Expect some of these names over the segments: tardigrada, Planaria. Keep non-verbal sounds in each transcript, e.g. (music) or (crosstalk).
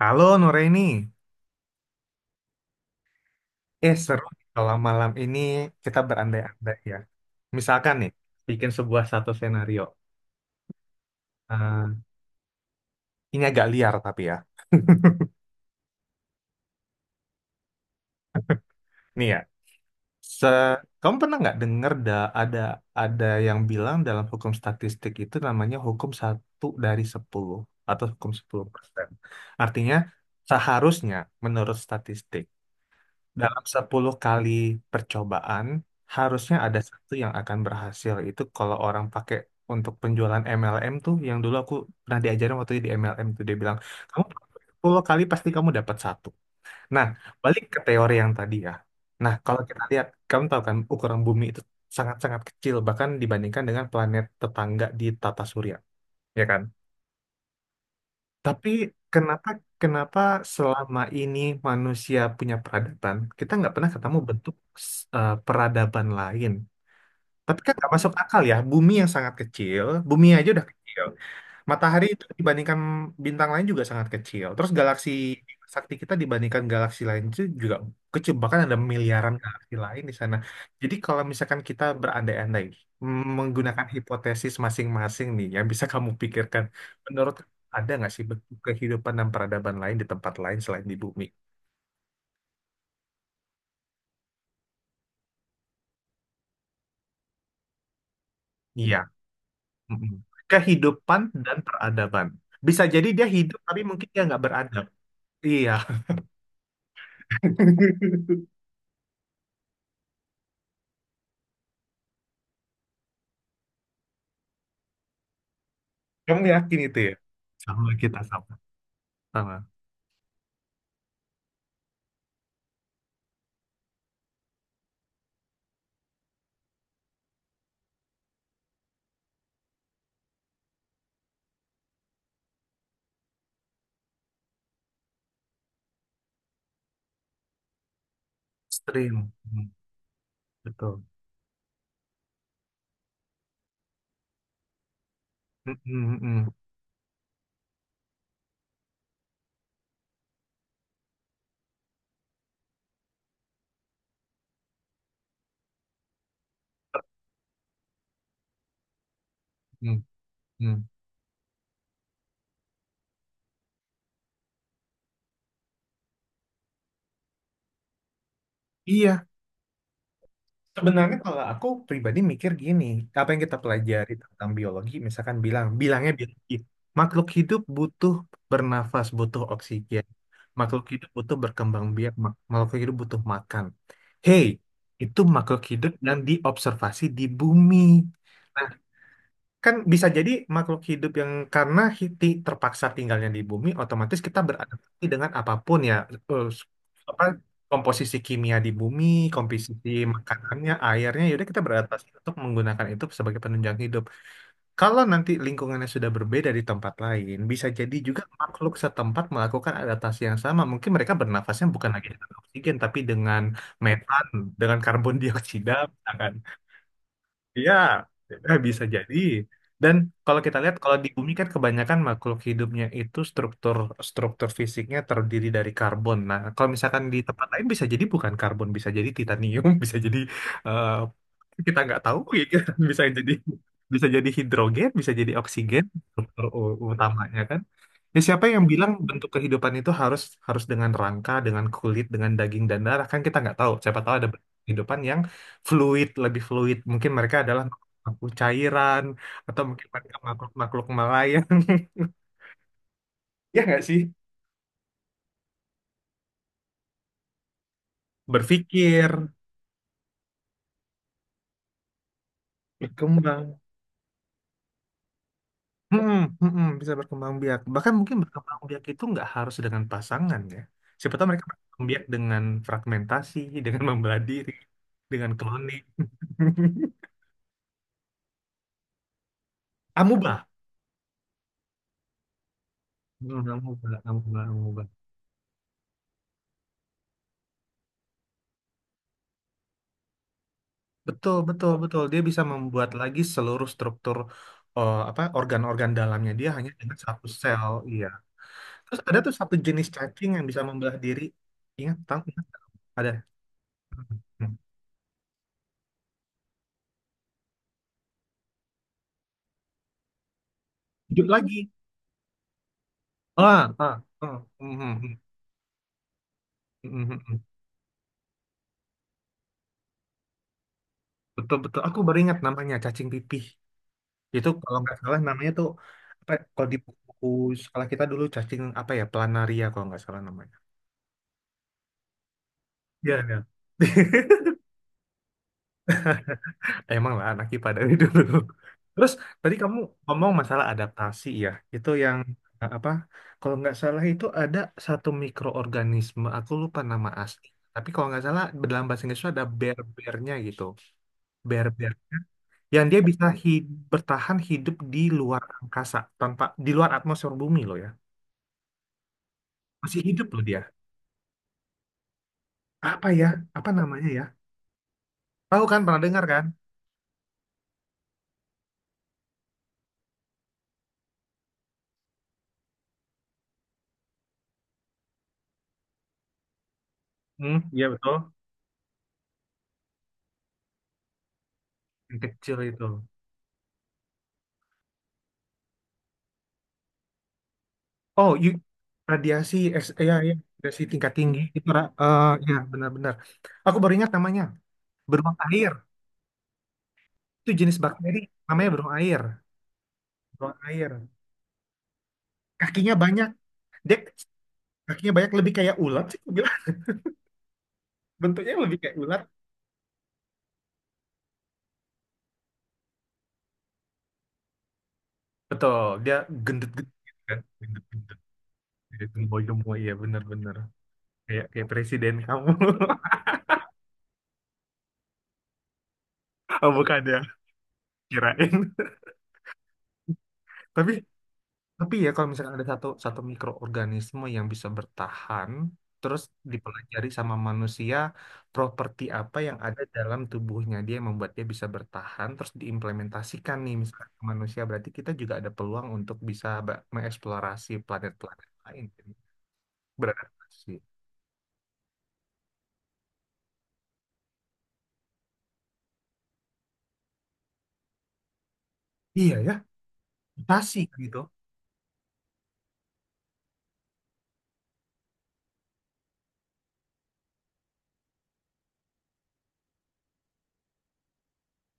Halo Nuraini, seru nih kalau malam ini kita berandai-andai ya. Misalkan nih, bikin sebuah satu skenario. Eh, ini agak liar tapi ya. Nih ya, se kamu pernah nggak dengar da ada ada yang bilang dalam hukum statistik itu namanya hukum 1 dari 10 atau hukum 10%. Artinya seharusnya menurut statistik dalam 10 kali percobaan, harusnya ada satu yang akan berhasil. Itu kalau orang pakai untuk penjualan MLM tuh, yang dulu aku pernah diajarin waktu itu di MLM tuh, dia bilang, kamu 10 kali pasti kamu dapat satu. Nah, balik ke teori yang tadi ya. Nah, kalau kita lihat, kamu tahu kan ukuran bumi itu sangat-sangat kecil, bahkan dibandingkan dengan planet tetangga di tata surya, ya kan? Tapi kenapa kenapa selama ini manusia punya peradaban? Kita nggak pernah ketemu bentuk peradaban lain. Tapi kan nggak masuk akal ya, bumi yang sangat kecil, bumi aja udah kecil. Matahari itu dibandingkan bintang lain juga sangat kecil. Terus galaksi sakti kita dibandingkan galaksi lain itu juga kecil. Bahkan ada miliaran galaksi lain di sana. Jadi kalau misalkan kita berandai-andai menggunakan hipotesis masing-masing nih yang bisa kamu pikirkan, menurut kamu ada nggak sih bentuk kehidupan dan peradaban lain di tempat lain selain di bumi? Iya. Mm-mm. Kehidupan dan peradaban. Bisa jadi dia hidup tapi mungkin dia nggak beradab. Iya. (laughs) Kamu yakin itu ya? Sama kita sama. Sama. Stream. Hmm. Betul. Mm, mm, mm, mm, mm. Iya. Sebenarnya kalau aku pribadi mikir gini, apa yang kita pelajari tentang biologi, misalkan bilangnya biologi, makhluk hidup butuh bernafas, butuh oksigen, makhluk hidup butuh berkembang biak, makhluk hidup butuh makan. Hey, itu makhluk hidup yang diobservasi di bumi. Nah, kan bisa jadi makhluk hidup yang karena hiti terpaksa tinggalnya di bumi, otomatis kita beradaptasi dengan apapun ya, eh, apa komposisi kimia di bumi, komposisi makanannya, airnya, yaudah kita beradaptasi untuk menggunakan itu sebagai penunjang hidup. Kalau nanti lingkungannya sudah berbeda di tempat lain, bisa jadi juga makhluk setempat melakukan adaptasi yang sama. Mungkin mereka bernafasnya bukan lagi dengan oksigen, tapi dengan metan, dengan karbon dioksida, misalkan. Iya, bisa jadi. Dan kalau kita lihat, kalau di bumi kan kebanyakan makhluk hidupnya itu struktur struktur fisiknya terdiri dari karbon. Nah, kalau misalkan di tempat lain bisa jadi bukan karbon, bisa jadi titanium, (laughs) bisa jadi eh, kita nggak tahu ya, (laughs) bisa jadi bisa jadi hidrogen, bisa jadi oksigen struktur utamanya kan. Ya, siapa yang bilang bentuk kehidupan itu harus harus dengan rangka, dengan kulit, dengan daging dan darah? Kan kita nggak tahu. Siapa tahu ada bentuk kehidupan yang fluid, lebih fluid. Mungkin mereka adalah makhluk cairan atau mungkin mereka makhluk-makhluk melayang. (laughs) Ya nggak sih? Berpikir, berkembang. Hmm, bisa berkembang biak. Bahkan mungkin berkembang biak itu nggak harus dengan pasangan ya. Siapa tahu mereka berkembang biak dengan fragmentasi, (laughs) dengan membelah diri, dengan cloning. (laughs) Amuba. Nggak mengubah, nggak mengubah, nggak mengubah. Betul, betul, betul. Dia bisa membuat lagi seluruh struktur apa organ-organ dalamnya dia hanya dengan satu sel, iya. Terus ada tuh satu jenis cacing yang bisa membelah diri. Ingat, tahu? Ingat? Ada. Hmm. Hmm. Hidup lagi. Ah, ah, ah. Mhm, mhm, mhm, mhm. Betul, betul. Aku baru ingat namanya cacing pipih. Itu kalau nggak salah namanya tuh apa? Kalau di buku sekolah kita dulu cacing apa ya? Planaria kalau nggak salah namanya. Iya, iya. (laughs) Emang lah anak IPA dari dulu. (laughs) Terus tadi kamu ngomong masalah adaptasi ya. Itu yang apa? Kalau nggak salah itu ada satu mikroorganisme. Aku lupa nama asli. Tapi kalau nggak salah dalam bahasa Inggris itu ada bear-bearnya gitu. Bear-bearnya yang dia bisa bertahan hidup di luar angkasa tanpa di luar atmosfer bumi loh ya. Masih hidup loh dia. Apa ya? Apa namanya ya? Tahu kan? Pernah dengar kan? Hmm, iya betul. Yang kecil itu. Oh, you, radiasi S, ya, ya, radiasi tingkat tinggi. Itu, Ra. Eh, ya, benar-benar. Aku baru ingat namanya. Beruang air. Itu jenis bakteri. Namanya beruang air. Beruang air. Kakinya banyak. Dek, kakinya banyak lebih kayak ulat sih, aku bilang. (laughs) Bentuknya lebih kayak ulat. Betul, dia gendut-gendut gitu kan. Gendut-gendut. Dia gemboy-gemboy, ya benar-benar. Kayak presiden kamu. (laughs) Oh, bukan ya, kirain. (laughs) Tapi Tapi ya kalau misalkan ada satu satu mikroorganisme yang bisa bertahan, terus dipelajari sama manusia, properti apa yang ada dalam tubuhnya dia yang membuat dia bisa bertahan, terus diimplementasikan nih misalkan ke manusia, berarti kita juga ada peluang untuk bisa mengeksplorasi planet-planet lain, jadi beradaptasi. Iya ya, mutasi gitu.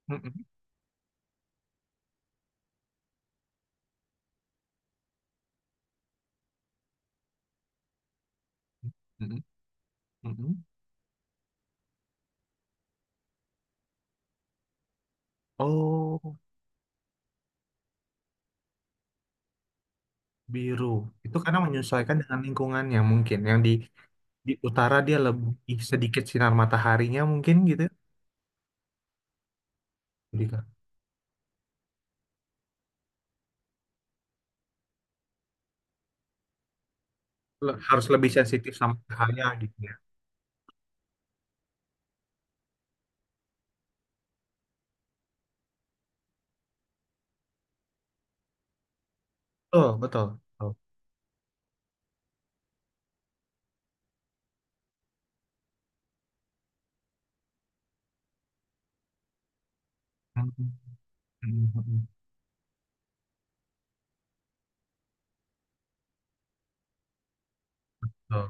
Mm-mm. Mm-mm. Mm-mm. Oh, biru. Itu karena menyesuaikan dengan lingkungannya mungkin yang di utara dia lebih sedikit sinar mataharinya mungkin gitu. Ya, jadi kan harus lebih sensitif sama cahaya gitu ya. Oh, betul. Betul. Mm, mm, mm, mm, mm. Betul.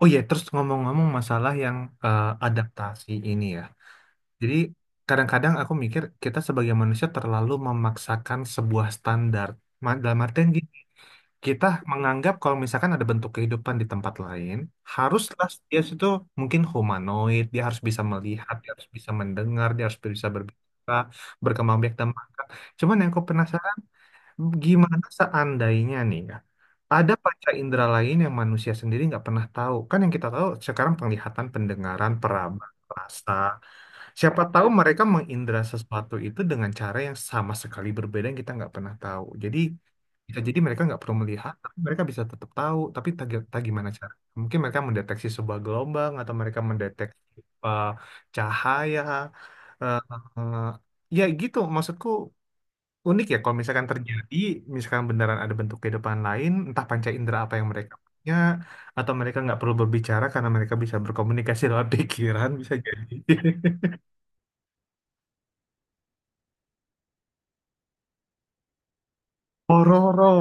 Oh iya, terus ngomong-ngomong masalah yang adaptasi ini ya. Jadi kadang-kadang aku mikir kita sebagai manusia terlalu memaksakan sebuah standar. Dalam artian gini, kita menganggap kalau misalkan ada bentuk kehidupan di tempat lain, haruslah dia itu mungkin humanoid, dia harus bisa melihat, dia harus bisa mendengar, dia harus bisa berbicara, berkembang biak dan makan. Cuman yang aku penasaran, gimana seandainya nih ya, ada panca indera lain yang manusia sendiri nggak pernah tahu. Kan yang kita tahu sekarang penglihatan, pendengaran, peraba, rasa. Siapa tahu mereka mengindra sesuatu itu dengan cara yang sama sekali berbeda yang kita nggak pernah tahu. Jadi bisa jadi mereka nggak perlu melihat, tapi mereka bisa tetap tahu. Tapi tak gimana cara? Mungkin mereka mendeteksi sebuah gelombang atau mereka mendeteksi uh, cahaya. Uh, uh, ya gitu, maksudku unik ya kalau misalkan terjadi, misalkan beneran ada bentuk kehidupan lain, entah panca indera apa yang mereka punya, atau mereka nggak perlu berbicara karena mereka bisa berkomunikasi (laughs) lewat pikiran, bisa jadi. (laughs) Pororo,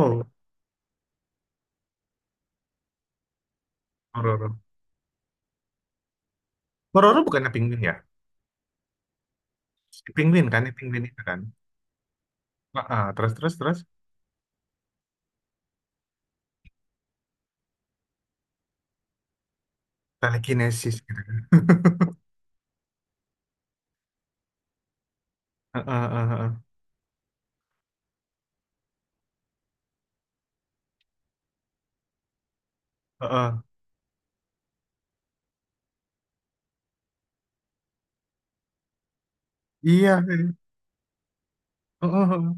Pororo. Pororo bukannya penguin ya? Penguin kan, ya, penguin itu kan. Ah, ah, terus terus terus. Telekinesis gitu kan. Heeh, heeh, heeh, heeh. Iya, heeh, heeh, heeh.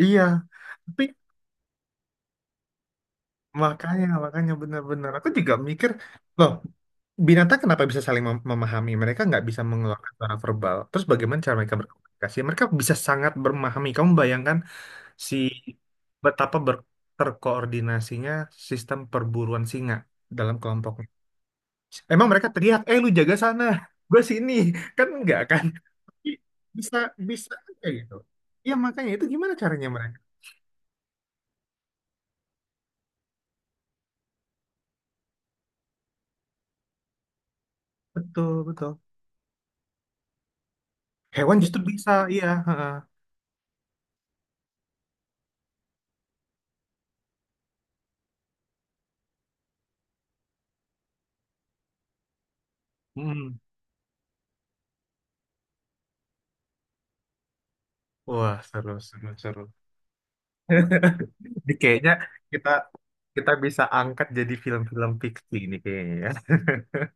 Iya. Tapi makanya benar-benar. Aku juga mikir, loh, binatang kenapa bisa saling memahami? Mereka nggak bisa mengeluarkan suara verbal. Terus bagaimana cara mereka berkomunikasi? Mereka bisa sangat memahami. Kamu bayangkan si betapa terkoordinasinya sistem perburuan singa dalam kelompoknya. Emang mereka teriak, eh lu jaga sana, gue sini. Kan enggak kan? I- bisa bisa aja gitu. Iya, makanya itu gimana caranya mereka. Betul, betul, hewan justru bisa, iya, heeh. Mm. Wah, seru seru seru. Ini kayaknya kita kita bisa angkat jadi film-film fiksi ini kayaknya ya. (laughs)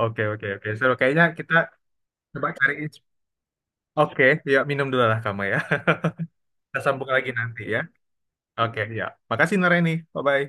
Oke, oke, oke, seru kayaknya kita coba cari oke. Ya, minum dulu lah kamu ya. Kita sambung lagi nanti ya. Oke ya. Makasih Nareni. Bye bye.